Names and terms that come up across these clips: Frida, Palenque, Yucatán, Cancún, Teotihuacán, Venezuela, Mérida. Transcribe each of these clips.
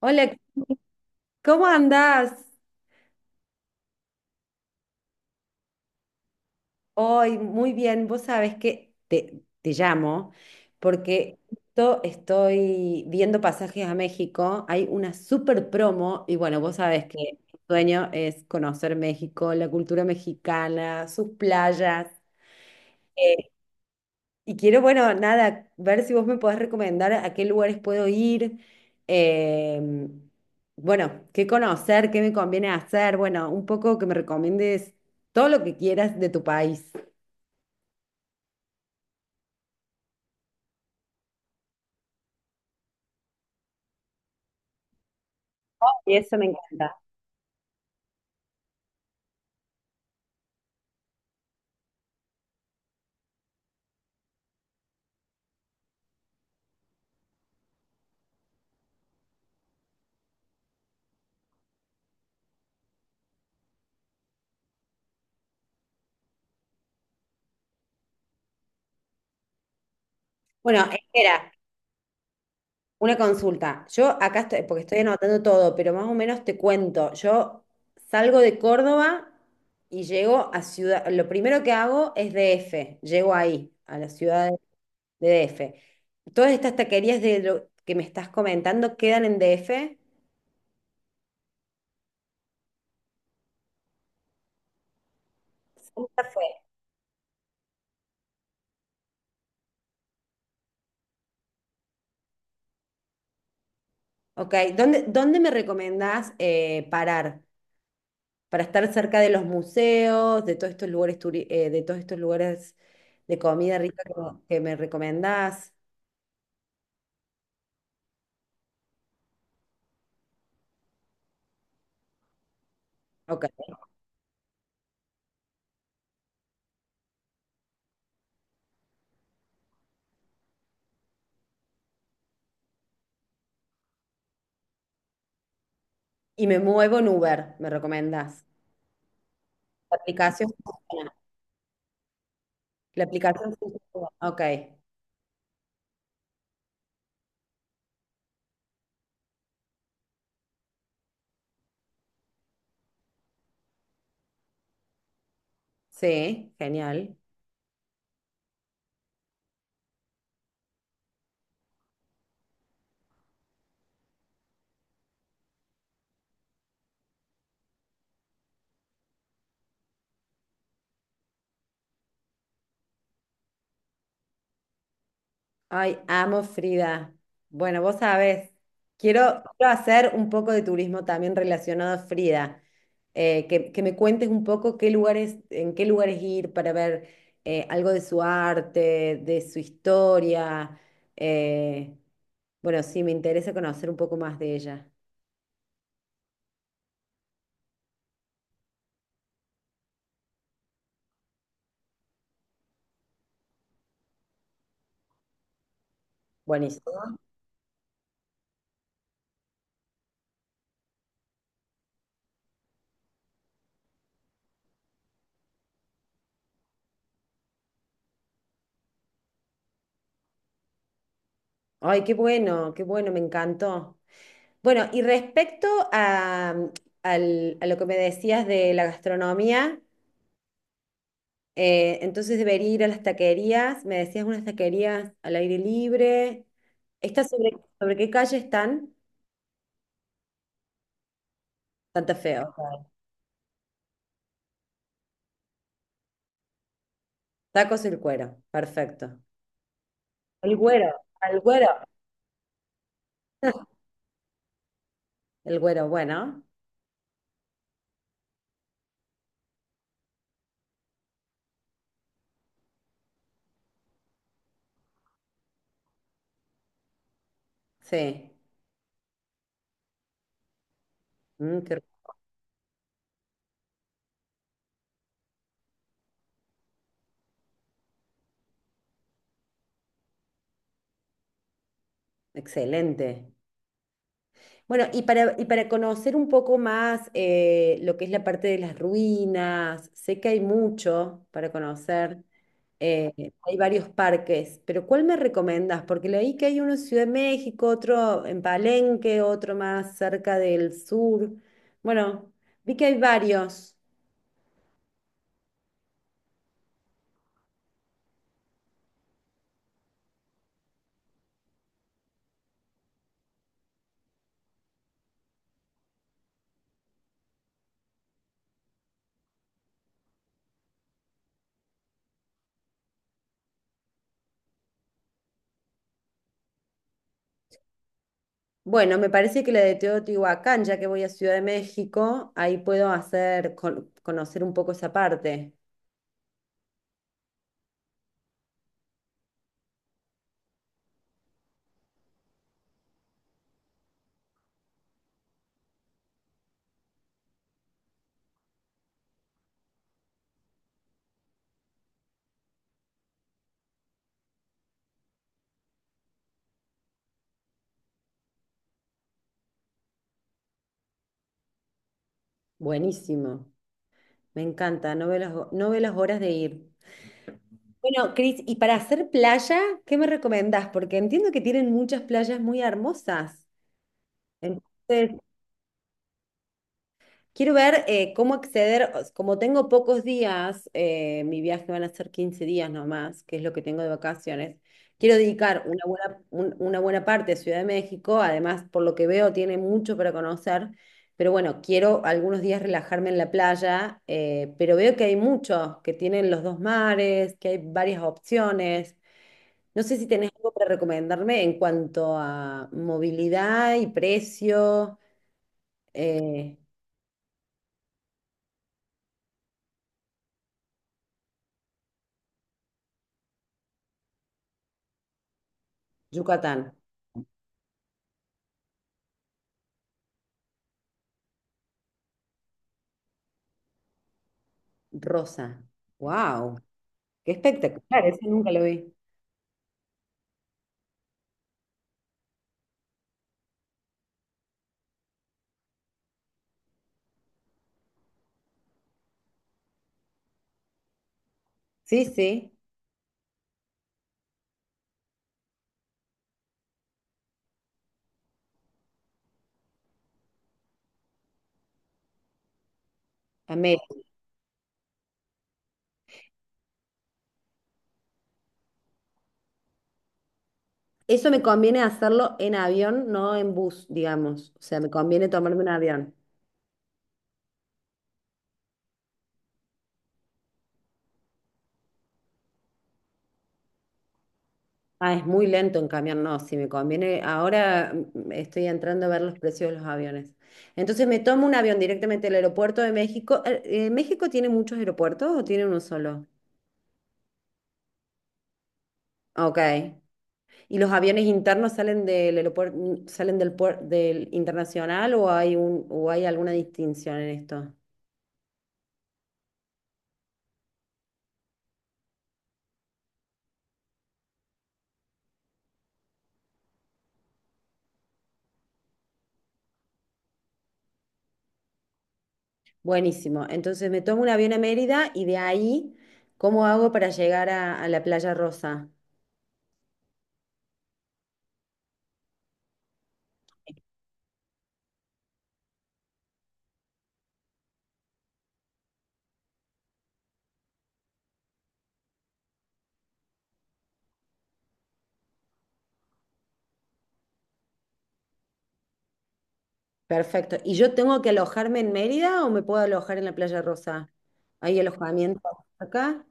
Hola, ¿cómo andás? Hoy muy bien, vos sabés que te llamo porque justo estoy viendo pasajes a México, hay una super promo y bueno, vos sabés que mi sueño es conocer México, la cultura mexicana, sus playas. Y quiero, bueno, nada, ver si vos me podés recomendar a qué lugares puedo ir, eh, bueno, qué conocer, qué me conviene hacer, bueno, un poco que me recomiendes todo lo que quieras de tu país. Y eso me encanta. Bueno, espera, una consulta. Yo acá estoy, porque estoy anotando todo, pero más o menos te cuento. Yo salgo de Córdoba y llego a Ciudad, lo primero que hago es DF, llego ahí, a la ciudad de DF. Todas estas taquerías de lo que me estás comentando quedan en DF. Santa Fe. Ok, ¿dónde, dónde me recomendás parar? Para estar cerca de los museos, de todos estos lugares, de todos estos lugares de comida rica que me recomendás. Ok. Y me muevo en Uber, me recomendás. La aplicación funciona. La aplicación funciona. Ok. Sí, genial. Ay, amo Frida. Bueno, vos sabés, quiero hacer un poco de turismo también relacionado a Frida. Que me cuentes un poco qué lugares, en qué lugares ir para ver algo de su arte, de su historia. Eh, bueno, sí, me interesa conocer un poco más de ella. Buenísimo. Ay, qué bueno, me encantó. Bueno, y respecto a, a lo que me decías de la gastronomía. Entonces debería ir a las taquerías. Me decías unas taquerías al aire libre. ¿Está sobre, ¿sobre qué calle están? Santa Fe, ok. Tacos el cuero, perfecto. El güero, al güero. El güero, bueno, sí. Mm, qué- excelente. Bueno, y para conocer un poco más lo que es la parte de las ruinas, sé que hay mucho para conocer, eh, hay varios parques, pero ¿cuál me recomendas? Porque leí que hay uno en Ciudad de México, otro en Palenque, otro más cerca del sur. Bueno, vi que hay varios. Bueno, me parece que la de Teotihuacán, ya que voy a Ciudad de México, ahí puedo hacer, conocer un poco esa parte. Buenísimo. Me encanta, no veo las horas de ir. Bueno, Cris, y para hacer playa, ¿qué me recomendás? Porque entiendo que tienen muchas playas muy hermosas. Entonces, quiero ver cómo acceder, o s- como tengo pocos días, mi viaje van a ser 15 días nomás, que es lo que tengo de vacaciones. Quiero dedicar una buena parte a Ciudad de México, además, por lo que veo, tiene mucho para conocer, pero bueno, quiero algunos días relajarme en la playa, pero veo que hay muchos, que tienen los dos mares, que hay varias opciones. No sé si tenés algo para recomendarme en cuanto a movilidad y precio. eh, Yucatán, rosa. ¡Wow! ¡Qué espectacular! Eso nunca lo vi. Sí, sí, amé. Eso me conviene hacerlo en avión, no en bus, digamos. O sea, me conviene tomarme un avión. Ah, es muy lento en camión, no, sí, me conviene. Ahora estoy entrando a ver los precios de los aviones. Entonces me tomo un avión directamente del aeropuerto de México. ¿México tiene muchos aeropuertos o tiene uno solo? Ok. ¿Y los aviones internos salen del aeropuerto, del internacional o o hay alguna distinción en esto? Buenísimo. Entonces me tomo un avión a Mérida y de ahí, ¿cómo hago para llegar a la Playa Rosa? Perfecto. ¿Y yo tengo que alojarme en Mérida o me puedo alojar en la Playa Rosa? ¿Hay alojamiento acá?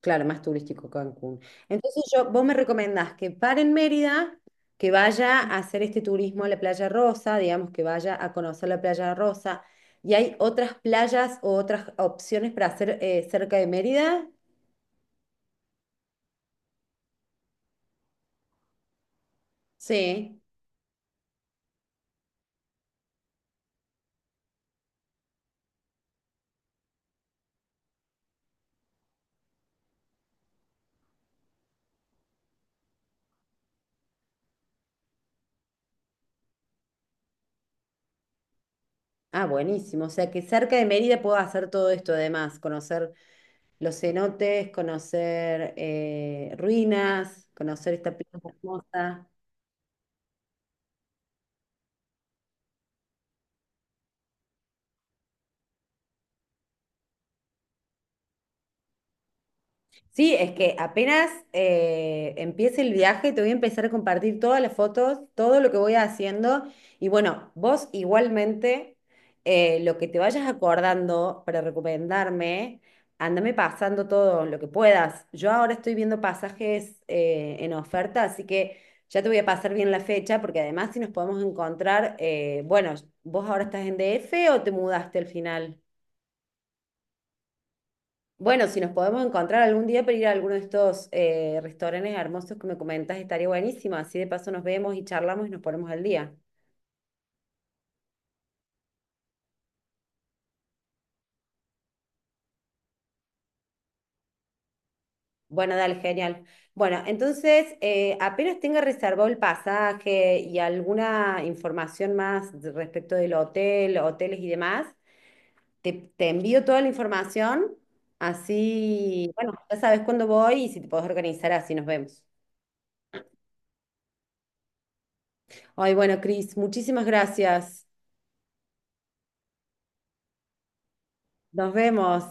Claro, más turístico Cancún. Entonces yo, vos me recomendás que pare en Mérida, que vaya a hacer este turismo a la Playa Rosa, digamos que vaya a conocer la Playa Rosa. ¿Y hay otras playas o otras opciones para hacer cerca de Mérida? Sí, ah, buenísimo. O sea que cerca de Mérida puedo hacer todo esto además, conocer los cenotes, conocer ruinas, conocer esta playa hermosa. Sí, es que apenas empiece el viaje, te voy a empezar a compartir todas las fotos, todo lo que voy haciendo. Y bueno, vos igualmente, lo que te vayas acordando para recomendarme, andame pasando todo lo que puedas. Yo ahora estoy viendo pasajes en oferta, así que ya te voy a pasar bien la fecha, porque además si nos podemos encontrar, bueno, vos ahora estás en DF o te mudaste al final. Bueno, si nos podemos encontrar algún día para ir a alguno de estos restaurantes hermosos que me comentas, estaría buenísimo. Así de paso nos vemos y charlamos y nos ponemos al día. Bueno, dale, genial. Bueno, entonces, apenas tenga reservado el pasaje y alguna información más respecto del hotel, hoteles y demás, te envío toda la información. Así, bueno, ya sabes cuándo voy y si te podés organizar, así nos vemos. Ay, bueno, Cris, muchísimas gracias. Nos vemos.